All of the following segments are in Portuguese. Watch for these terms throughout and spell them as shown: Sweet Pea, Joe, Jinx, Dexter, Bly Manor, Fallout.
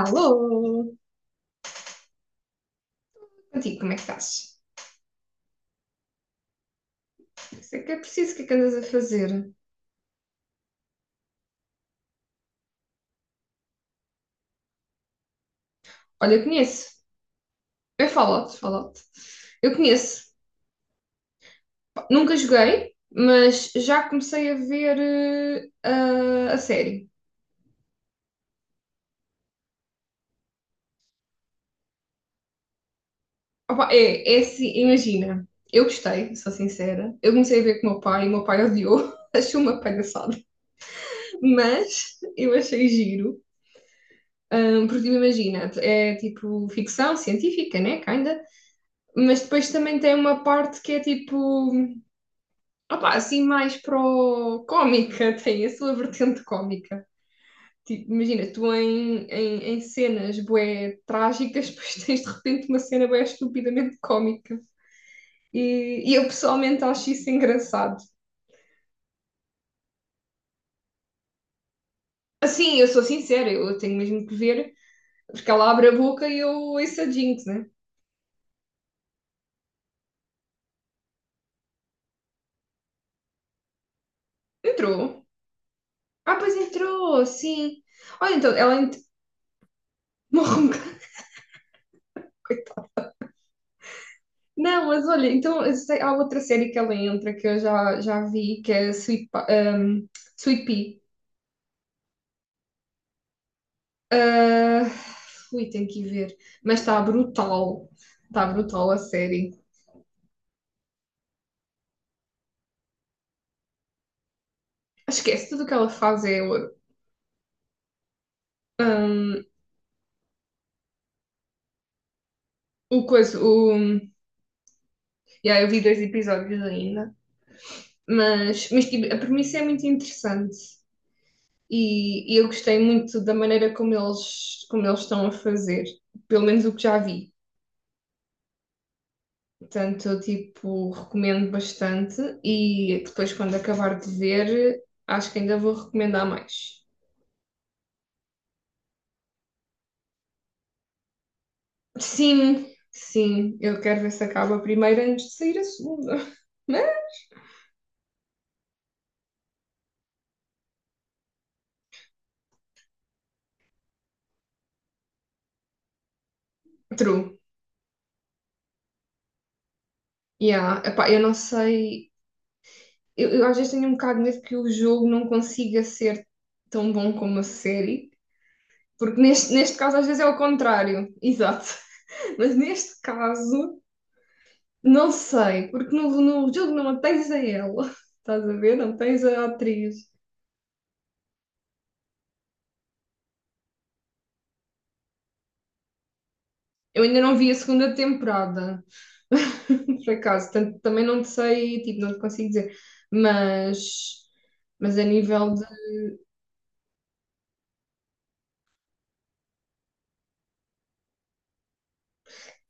Alô! Contigo, como é que estás? Isso é que é preciso, o que é que andas a fazer? Olha, eu conheço. É Fallout, Fallout. Eu conheço. Pá, nunca joguei, mas já comecei a ver a série. Opa, é assim, imagina. Eu gostei, sou sincera. Eu comecei a ver com o meu pai, e o meu pai odiou. Achou uma palhaçada. Mas eu achei giro. Porque tipo, imagina, é tipo ficção científica, né? Kinda. Mas depois também tem uma parte que é tipo. Opa, assim mais pro cómica, tem a sua vertente cómica. Tipo, imagina, tu em cenas bué trágicas, depois tens de repente uma cena bué estupidamente cómica. E eu pessoalmente acho isso engraçado. Assim, eu sou sincera, eu tenho mesmo que ver, porque ela abre a boca e eu ouço a Jinx, né? Entrou. Ah, pois entrou, sim. Olha, então, morre um. Não, mas olha, há outra série que ela entra que eu já vi, que é Sweet Pea. Ah, ui, tenho que ir ver. Mas está brutal. Está brutal a série. Esquece tudo o que ela faz, é o coisa. O, yeah, eu vi dois episódios ainda. Mas tipo, a premissa é muito interessante. E eu gostei muito da maneira como eles estão a fazer. Pelo menos o que já vi. Portanto, eu tipo, recomendo bastante e depois, quando acabar de ver, acho que ainda vou recomendar mais. Sim, sim, eu quero ver se acaba a primeira antes de sair a segunda. Mas, true. Yeah, epá, eu não sei. Eu às vezes tenho um bocado de medo que o jogo não consiga ser tão bom como a série, porque neste caso às vezes é o contrário, exato. Mas neste caso. Não sei, porque no jogo não tens a ela. Estás a ver? Não tens a atriz. Eu ainda não vi a segunda temporada, por acaso. Portanto, também não te sei, tipo, não te consigo dizer. Mas, mas a nível de.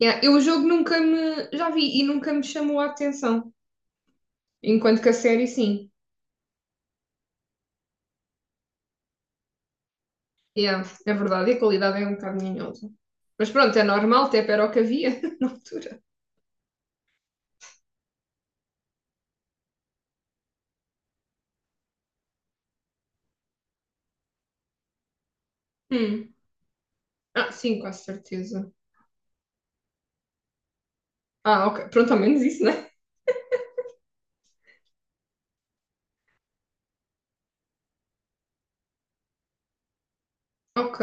Yeah, eu o jogo nunca me. Já vi e nunca me chamou a atenção. Enquanto que a série, sim. Yeah, é verdade, e a qualidade é um bocado minhosa. Mas pronto, é normal, até era o que havia na altura. Hum. Ah, sim, com certeza. Ah, ok. Pronto, ao menos isso, né? Ok.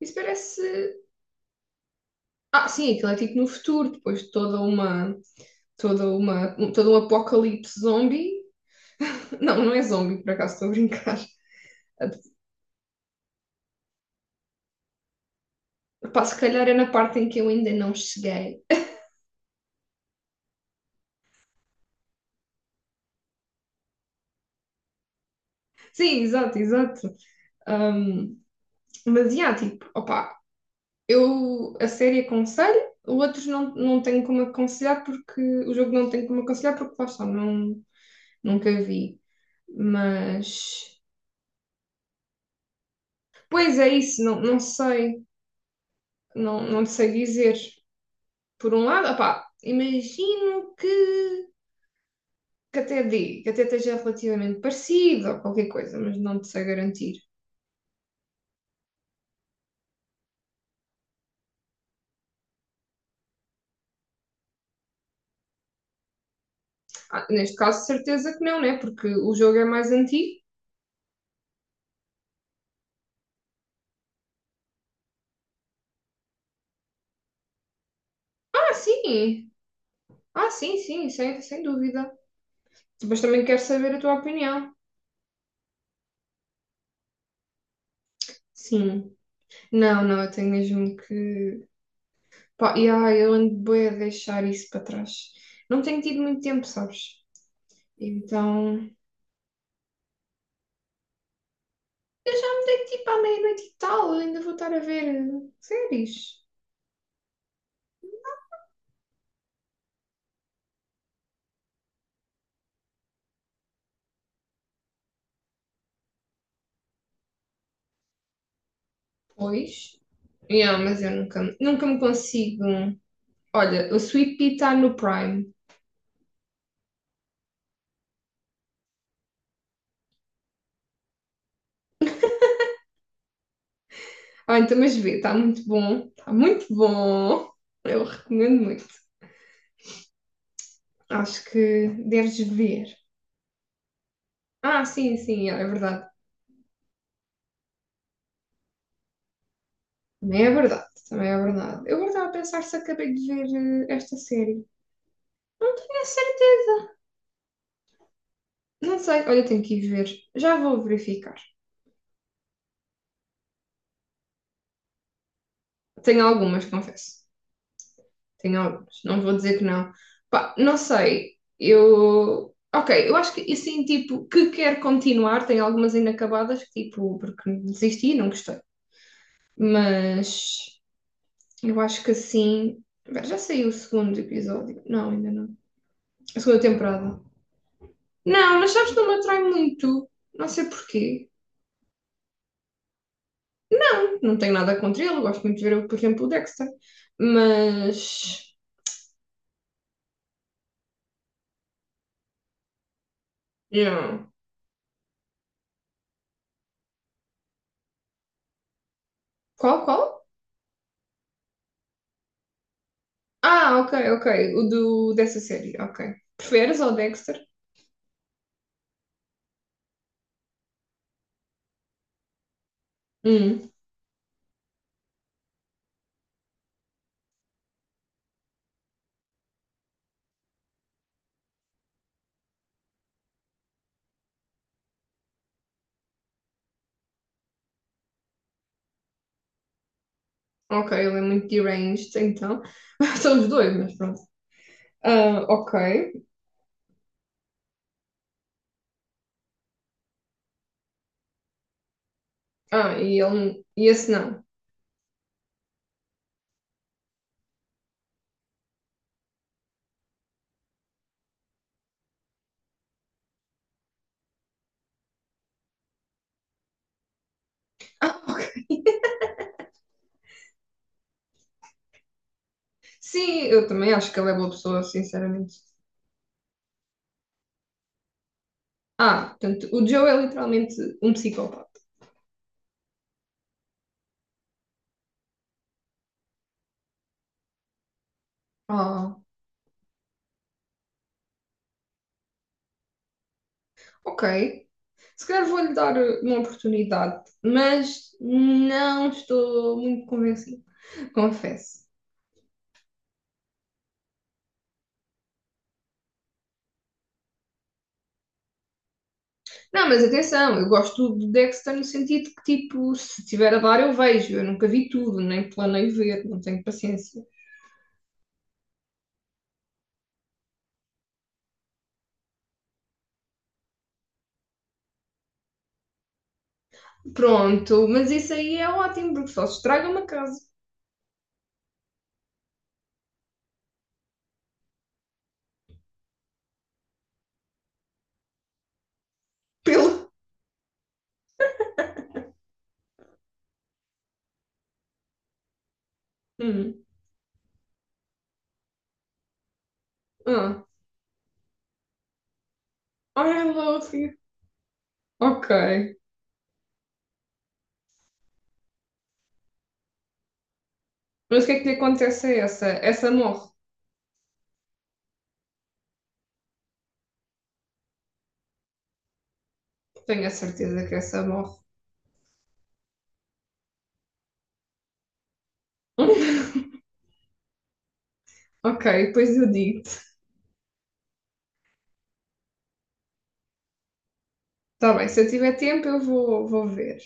Isso parece. Ah, sim, aquilo é tipo no futuro, depois de toda uma. Toda uma, todo um apocalipse zombie. Não, não é zombie, por acaso estou a brincar. Pá, se calhar é na parte em que eu ainda não cheguei. Sim, exato, exato. Ahm, mas, yeah, tipo, opá, eu a série aconselho, outros não, não tenho como aconselhar porque o jogo não tem como aconselhar porque lá está, não, nunca vi. Mas, pois é isso, não, não sei, não, não sei dizer. Por um lado, opá, imagino que até dê, que até esteja relativamente parecido ou qualquer coisa, mas não te sei garantir. Ah, neste caso, certeza que não, né? Porque o jogo é mais antigo. Ah, sim! Ah, sim, sim, sem, sem dúvida. Mas também quero saber a tua opinião. Sim. Não, não, eu tenho mesmo que. Pá, e ai, eu ando bem a deixar isso para trás. Não tenho tido muito tempo, sabes? Então. Eu já me dei tipo à meia-noite e tal, ainda vou estar a ver séries. Pois. Yeah, mas eu nunca, nunca me consigo. Olha, o Sweet Pea está no Prime. Ah, então, mas vê, está muito bom. Está muito bom. Eu recomendo muito. Acho que deves ver. Ah, sim, sim, é verdade. Também é verdade. Também é verdade. Eu agora estava a pensar se acabei de ver esta série. Não tenho a certeza. Não sei. Olha, tenho que ir ver. Já vou verificar. Tenho algumas, confesso. Tenho, não vou dizer que não. Pá, não sei, eu. Ok, eu acho que assim, tipo, que quer continuar, tem algumas inacabadas, que, tipo, porque desisti e não gostei. Mas eu acho que assim. Espera, já saiu o segundo episódio? Não, ainda não. A segunda temporada. Não, mas sabes que não me atrai muito. Não sei porquê. Não tenho nada contra ele, eu gosto muito de ver, por exemplo, o Dexter. Mas. Yeah. Qual, qual? Ah, ok, ok. O do, dessa série, ok. Preferes ao Dexter? Hum, ok, ele é muito deranged, então. São os dois, mas pronto. Ah, ok. Ah, e ele. E esse não. Ah, ok. Sim, eu também acho que ele é boa pessoa, sinceramente. Ah, portanto, o Joe é literalmente um psicopata. Ah, ok. Se calhar vou-lhe dar uma oportunidade, mas não estou muito convencida, confesso. Não, mas atenção, eu gosto do Dexter no sentido que, tipo, se tiver a dar, eu vejo. Eu nunca vi tudo, nem planei ver, não tenho paciência. Pronto, mas isso aí é ótimo, porque só se estraga uma casa. Pelo. Hum. Ah. Ah, I love you. Ok. Mas o que é que lhe acontece a essa? Essa morre. Tenho a certeza que essa morre. Ok, depois eu digo. Tá bem, se eu tiver tempo, eu vou, vou ver.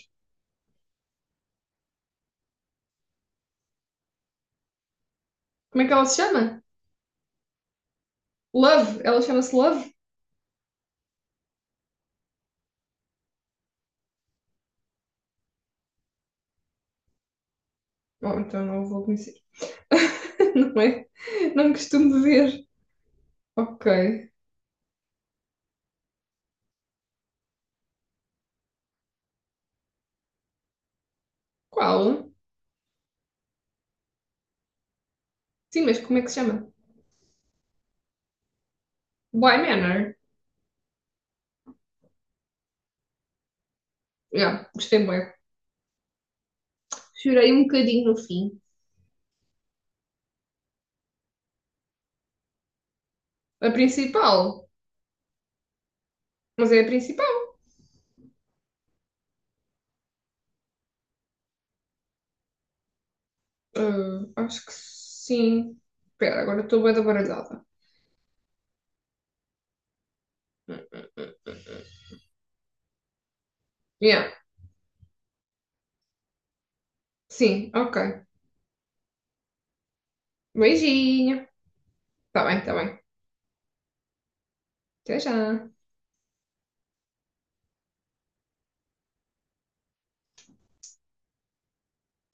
Como é que ela se chama? Love. Ela chama-se Love? Bom, então não vou conhecer. Não é? Não costumo dizer. Ok. Qual? Sim, mas como é que se chama? Bly Manor. Yeah, gostei bué. Chorei um bocadinho no fim. A principal. Mas é a principal. Ah, acho que sim. Espera, agora estou bué da baralhada. Yeah. Sim, ok. Beijinho. Tá bem, tá bem. Até já.